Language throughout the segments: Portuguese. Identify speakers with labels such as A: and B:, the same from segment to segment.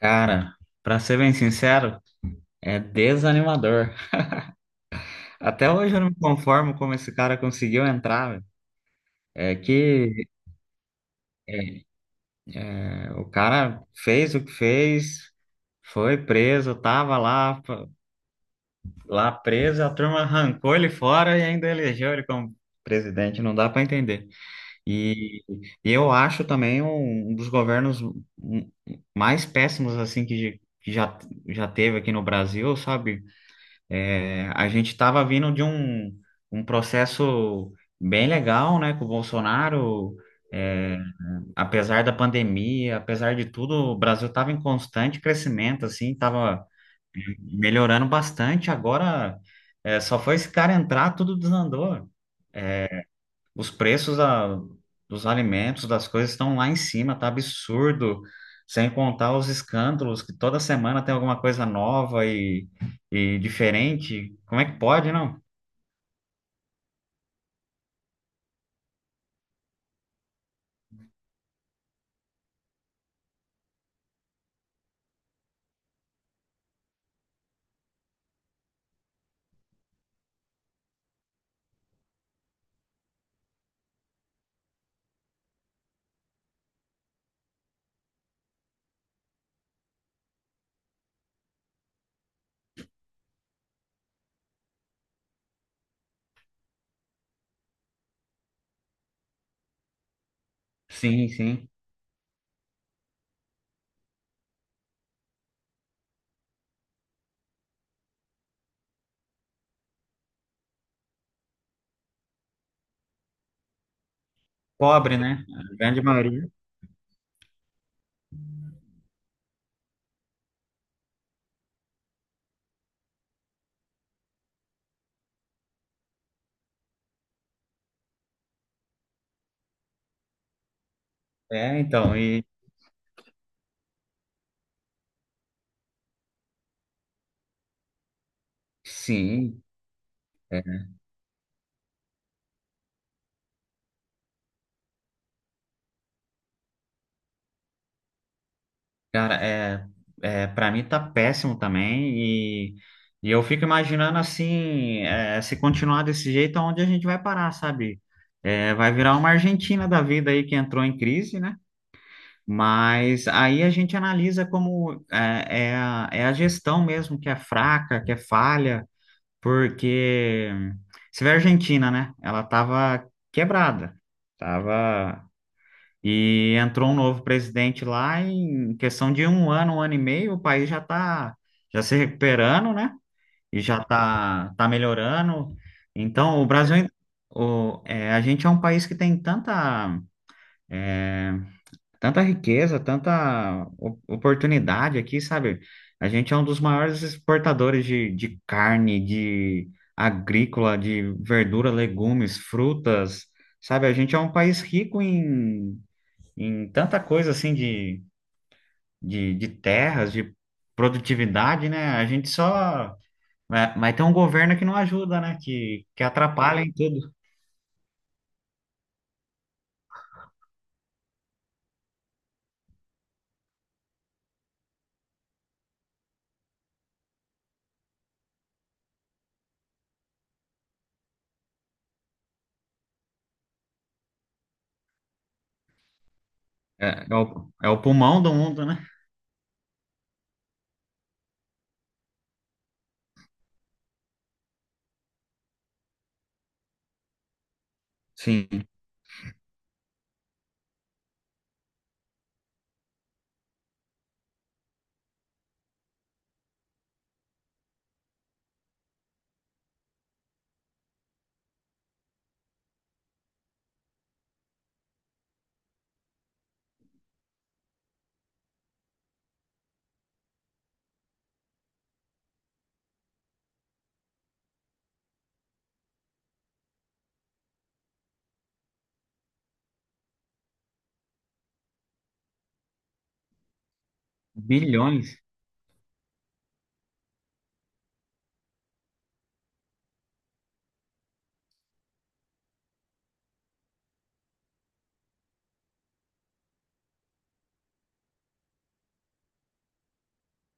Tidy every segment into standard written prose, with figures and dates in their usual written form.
A: Cara, pra ser bem sincero, é desanimador. Até hoje eu não me conformo como esse cara conseguiu entrar, velho. É que é, o cara fez o que fez, foi preso, tava lá, lá preso, a turma arrancou ele fora e ainda elegeu ele como presidente, não dá pra entender. E, e eu acho também um dos governos mais péssimos assim que já teve aqui no Brasil, sabe? É, a gente estava vindo de um processo bem legal, né, com o Bolsonaro. É, apesar da pandemia, apesar de tudo, o Brasil estava em constante crescimento, assim, estava melhorando bastante. Agora, é, só foi esse cara entrar, tudo desandou. Os preços dos alimentos, das coisas estão lá em cima, tá absurdo. Sem contar os escândalos, que toda semana tem alguma coisa nova e diferente. Como é que pode, não? Sim, sim. Pobre, né? A grande maioria. É, então, e sim, é, cara, é, é para mim tá péssimo também e, e eu fico imaginando assim, é, se continuar desse jeito, aonde a gente vai parar, sabe? É, vai virar uma Argentina da vida aí que entrou em crise, né? Mas aí a gente analisa como é, é a gestão mesmo que é fraca, que é falha. Porque você vê a Argentina, né? Ela tava quebrada, tava e entrou um novo presidente lá em questão de um ano e meio, o país já tá já se recuperando, né? E já tá melhorando. Então, o Brasil, é, a gente é um país que tem tanta riqueza, tanta oportunidade aqui, sabe? A gente é um dos maiores exportadores de carne, de agrícola, de verdura, legumes, frutas, sabe? A gente é um país rico em tanta coisa assim de terras, de produtividade, né? A gente só. Mas tem um governo que não ajuda, né? Que atrapalha em tudo. É, é o pulmão do mundo, né? Sim. Bilhões.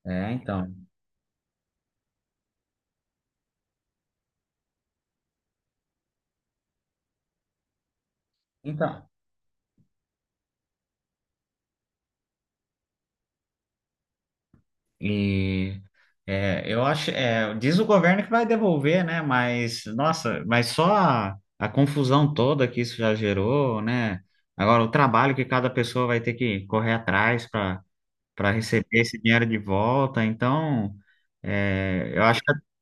A: É, então. Então. E é, eu acho, é, diz o governo que vai devolver, né? Mas, nossa, mas só a confusão toda que isso já gerou, né? Agora, o trabalho que cada pessoa vai ter que correr atrás para receber esse dinheiro de volta. Então, é, eu acho que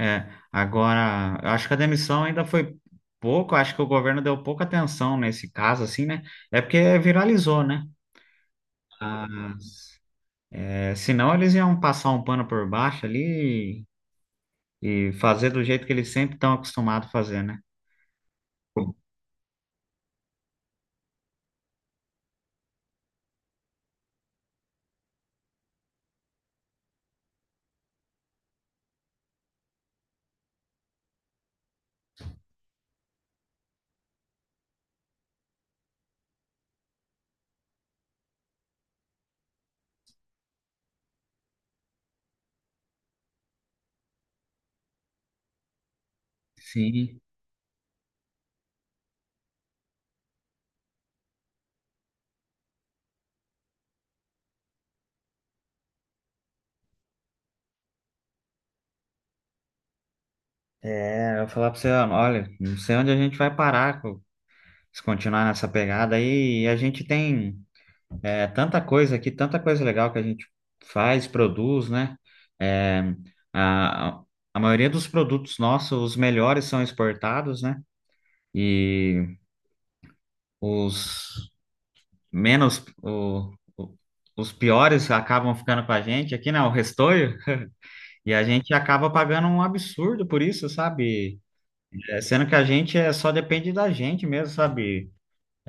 A: é, agora, eu acho que a demissão ainda foi pouco, acho que o governo deu pouca atenção nesse caso, assim, né? É porque viralizou, né? Ah, é, senão eles iam passar um pano por baixo ali e fazer do jeito que eles sempre estão acostumados a fazer, né? Sim. É, eu vou falar pra você, olha, não sei onde a gente vai parar se continuar nessa pegada aí. E a gente tem é, tanta coisa aqui, tanta coisa legal que a gente faz, produz, né? É, a, a maioria dos produtos nossos, os melhores são exportados, né? E os menos, os piores acabam ficando com a gente aqui, né? O restolho. E a gente acaba pagando um absurdo por isso, sabe? É, sendo que a gente é, só depende da gente mesmo, sabe?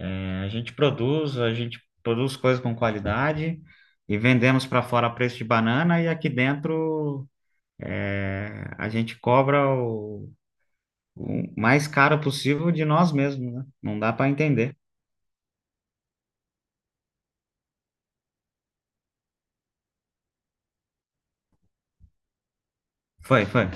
A: É, a gente produz coisas com qualidade e vendemos para fora a preço de banana e aqui dentro é, a gente cobra o mais caro possível de nós mesmos, né? Não dá para entender. Foi, foi.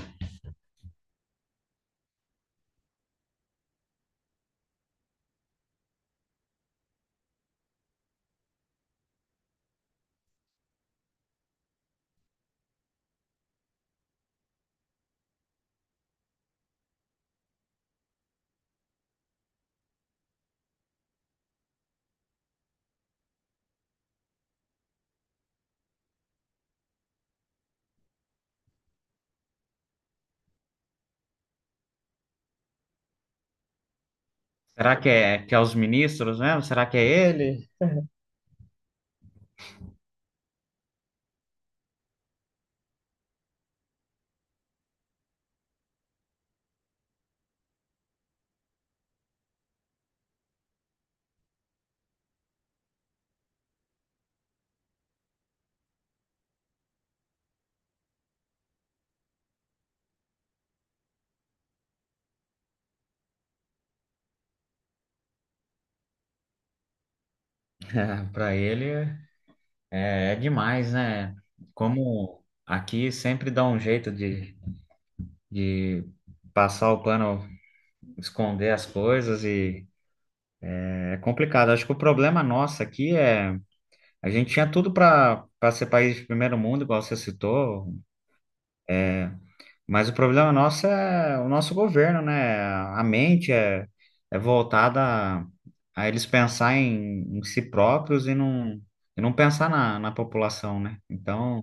A: Será que é os ministros mesmo? Será que é ele? Para ele. É, é demais, né? Como aqui sempre dá um jeito de passar o pano, esconder as coisas e é complicado. Acho que o problema nosso aqui é a gente tinha tudo para ser país de primeiro mundo, igual você citou, é, mas o problema nosso é o nosso governo, né? A mente é, é voltada a eles pensar em si próprios e não pensar na população, né? Então,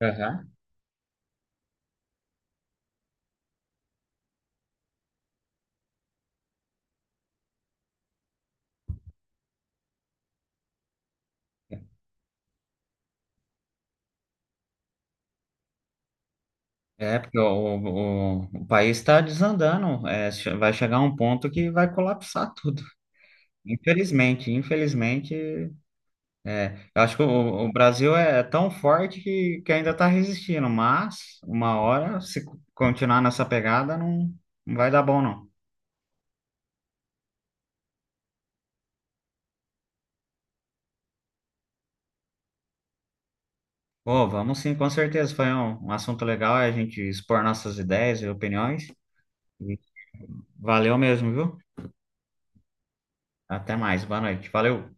A: aham. É, porque o país está desandando. É, vai chegar um ponto que vai colapsar tudo. Infelizmente, infelizmente, eu acho que o Brasil é tão forte que ainda está resistindo, mas uma hora, se continuar nessa pegada, não, não vai dar bom, não. Pô, vamos sim, com certeza. Foi um assunto legal, é a gente expor nossas ideias e opiniões. E valeu mesmo, viu? Até mais, boa noite. Valeu.